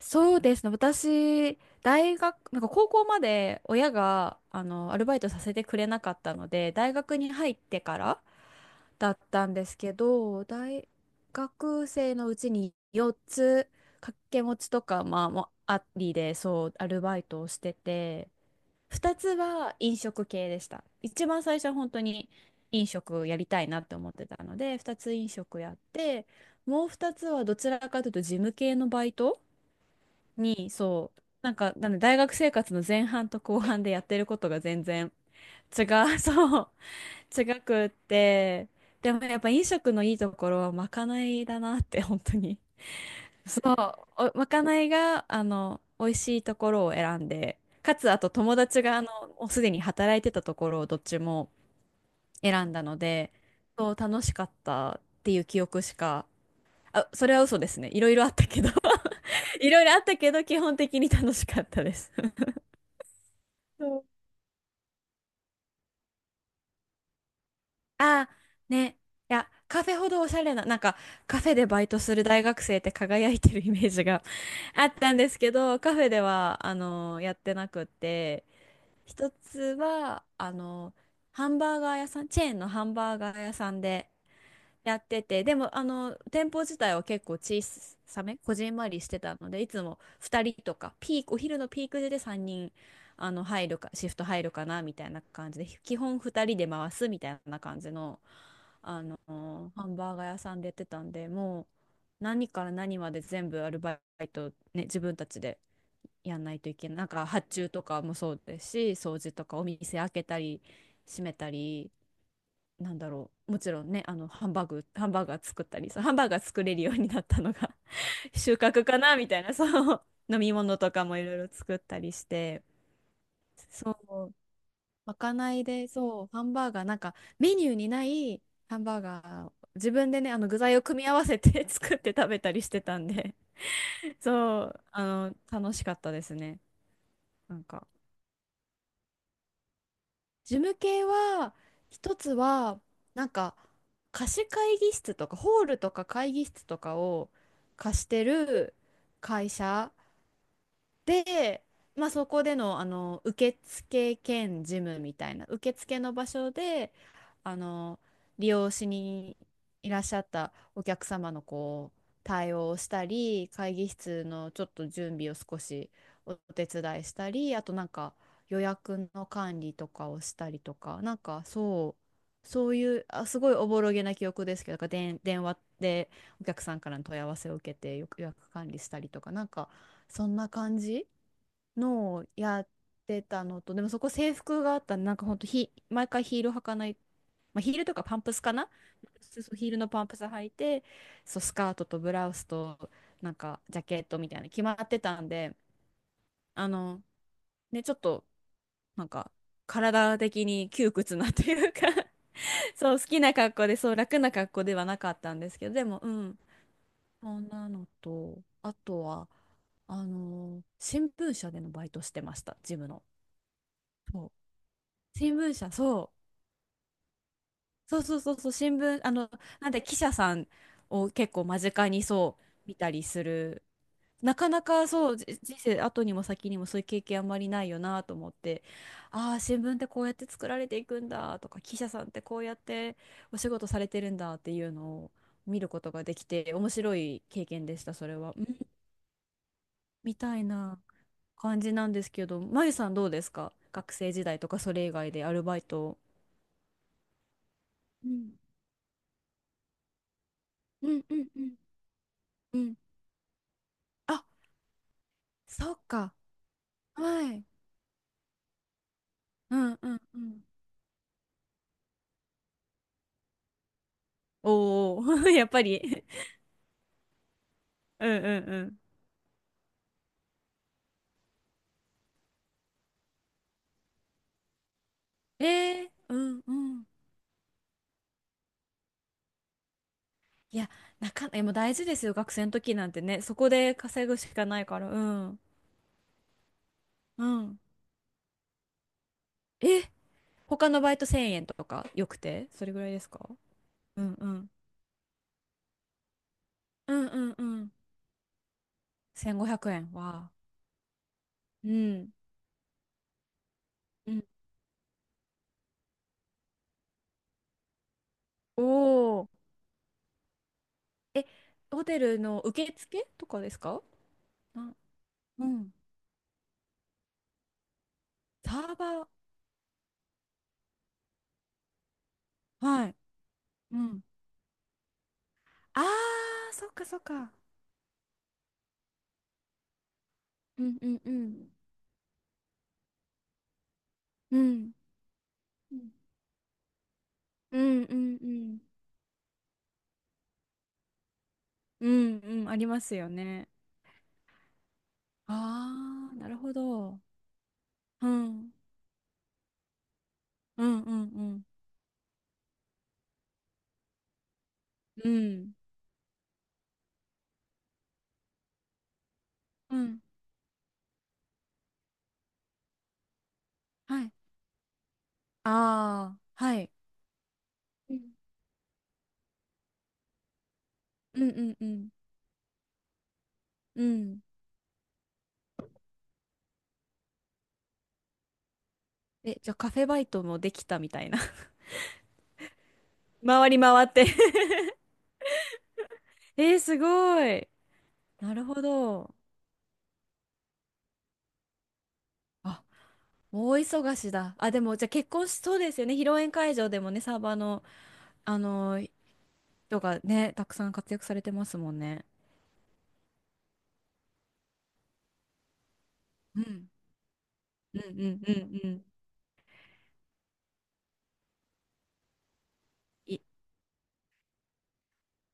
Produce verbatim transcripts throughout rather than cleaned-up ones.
そうですね。私、大学、なんか高校まで親が、あの、アルバイトさせてくれなかったので、大学に入ってからだったんですけど、大学生のうちによっつ掛け持ちとか、まあ、もありで、そう、アルバイトをしてて、ふたつは飲食系でした。一番最初は本当に飲食やりたいなって思ってたので、ふたつ飲食やって、もうふたつはどちらかというと事務系のバイトに、そう、なんか、なんで大学生活の前半と後半でやってることが全然違う、そう、違くって、でもやっぱ飲食のいいところはまかないだなって、本当に。そう、おまかないが、あの、美味しいところを選んで、かつ、あと友達が、あの、もうすでに働いてたところをどっちも選んだので、そう、楽しかったっていう記憶しか、あ、それは嘘ですね。いろいろあったけど いろいろあったけど、基本的に楽しかったです。そう、あー、ね。いや、カフェほどおしゃれな、なんか、カフェでバイトする大学生って輝いてるイメージが あったんですけど、カフェでは、あの、やってなくって、一つは、あの、ハンバーガー屋さん、チェーンのハンバーガー屋さんでやってて、でもあの店舗自体は結構小さめ、こじんまりしてたので、いつもふたりとか、ピーク、お昼のピーク時でさんにんあの入るか、シフト入るかなみたいな感じで、基本ふたりで回すみたいな感じの、あのハンバーガー屋さんでやってたんで、もう何から何まで全部アルバイト、ね、自分たちでやんないといけない。なんか発注とかもそうですし、掃除とかお店開けたり閉めたり、なんだろう。もちろんね、あのハンバーグ、ハンバーガー作ったり、そうハンバーガー作れるようになったのが 収穫かなみたいな、そう、飲み物とかもいろいろ作ったりして、そう、まかないで、そう、ハンバーガー、なんかメニューにないハンバーガーを自分でね、あの具材を組み合わせて 作って食べたりしてたんで、そう、あの、楽しかったですね。なんか。事務系は、一つは、なんか、貸し会議室とか、ホールとか会議室とかを貸してる会社で、まあ、そこでの、あの受付兼事務みたいな受付の場所であの利用しにいらっしゃったお客様のこう対応をしたり、会議室のちょっと準備を少しお手伝いしたり、あとなんか予約の管理とかをしたりとか、なんかそうそういうあすごいおぼろげな記憶ですけど、なんか電電話でお客さんからの問い合わせを受けて予約管理したりとか、なんかそんな感じのをやってたのと、でもそこ制服があったんで、なんかほんとヒ、毎回ヒール履かない、まあ、ヒールとかパンプスかな、そうヒールのパンプス履いて、そう、スカートとブラウスと、なんかジャケットみたいな決まってたんで、あの、ね、ちょっと、なんか、体的に窮屈なというか そう、好きな格好で、そう、楽な格好ではなかったんですけど、でも、うん、そんなのと、あとは、あの新聞社でのバイトしてました、ジムの。そう、新聞社、そう。そうそうそうそう、新聞、あの、なんで記者さんを結構間近にそう見たりする。なかなかそう、じ人生後にも先にもそういう経験あんまりないよなと思って、ああー、新聞ってこうやって作られていくんだとか、記者さんってこうやってお仕事されてるんだっていうのを見ることができて、面白い経験でした、それは。うん、みたいな感じなんですけど、まゆさんどうですか、学生時代とかそれ以外でアルバイトを。うんうんうんうんうんあ、そっか。はい。うんうんうん。おお、やっぱり。うんうんうん。えー、うんうん。いや、なか、え、もう大事ですよ。学生の時なんてね。そこで稼ぐしかないから。うん。うん。え、他のバイトせんえんとかよくてそれぐらいですか？うんうん。うんうんうん。せんごひゃくえんは。うん。うん。おお。え、ホテルの受付とかですか？な、うん。サーバー。はい。うん、ああ、そっかそっか。うんうんうん。うん。うんうんうん。うんうん、ありますよね。ああ、なるほど。うん。うんうんうん。うん。うん。はい。ああ、はい。うんうんうんうん。うん。え、じゃあカフェバイトもできたみたいな。回り回って。 えー、すごい。なるほど。あ、大忙しだ。あ、でも、じゃあ結婚しそうですよね。披露宴会場でもね、サーバーの、あのー人がね、たくさん活躍されてますもんね。うん。うんうんうんうん。い、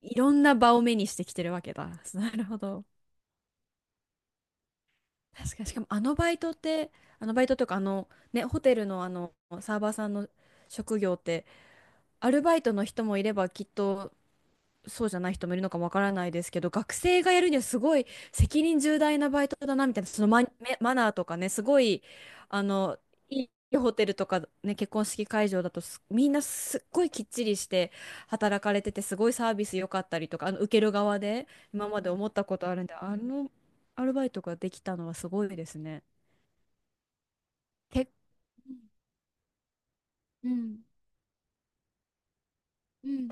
いろんな場を目にしてきてるわけだ。なるほど。確かに、しかもあのバイトって、あのバイトというか、あの、ね、ホテルのあの、サーバーさんの職業って、アルバイトの人もいれば、きっとそうじゃない人もいるのかもわからないですけど、学生がやるにはすごい責任重大なバイトだなみたいな、そのマ、マナーとかね、すごい、あの、いいホテルとかね、結婚式会場だとすみんなすっごいきっちりして働かれてて、すごいサービス良かったりとか、あの、受ける側で今まで思ったことあるんで、あのアルバイトができたのはすごいですね。け、うん、うん、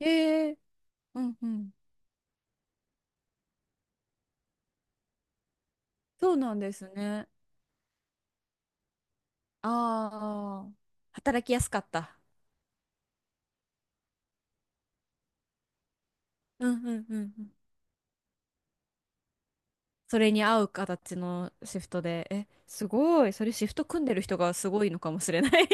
ええ、うん、うん。そうなんですね。ああ、働きやすかった。うんうんうんうん。それに合う形のシフトで、え、すごい。それシフト組んでる人がすごいのかもしれない。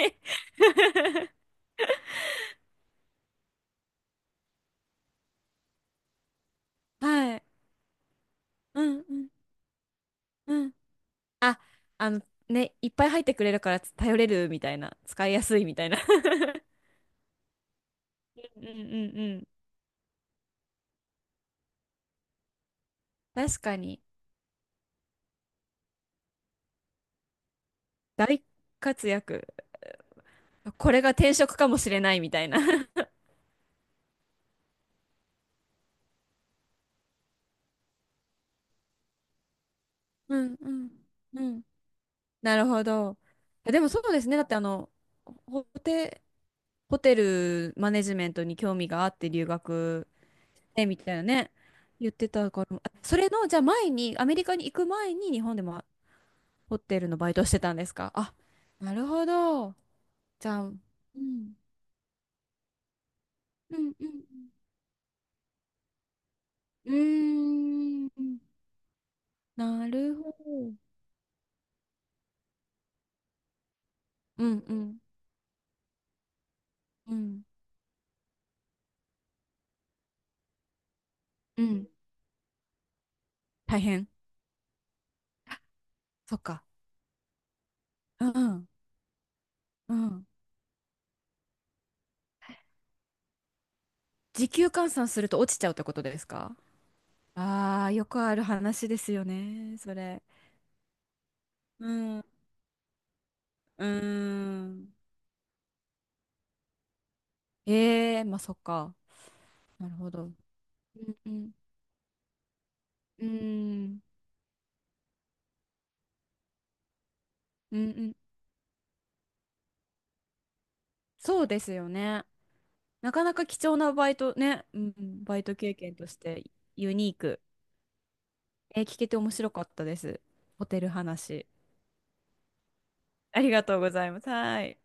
はい。うんうんうん。あ、あのね、いっぱい入ってくれるから頼れるみたいな、使いやすいみたいな。 うんうんうん。確かに。大活躍。これが転職かもしれないみたいな。 うんうんうん、なるほど。え、でもそうですね。だってあの、ホテ、ホテルマネジメントに興味があって留学ね、みたいなね、言ってたから、あそれの、じゃあ前に、アメリカに行く前に日本でもホテルのバイトしてたんですかあ、なるほど。じゃあ、うん、うんうんうん。うーん、なるほど。うんうんうんうん。大変。あ、そっか。うんうんうん。時給換算すると落ちちゃうってことですか？ああー、よくある話ですよね、それ。うん。うーん。ええまあそっか。なるほど。うんうん、うん、うんうん、そうですよね。なかなか貴重なバイトね、うん、バイト経験としてユニーク。えー聞けて面白かったです。ホテル話。ありがとうございます。はい。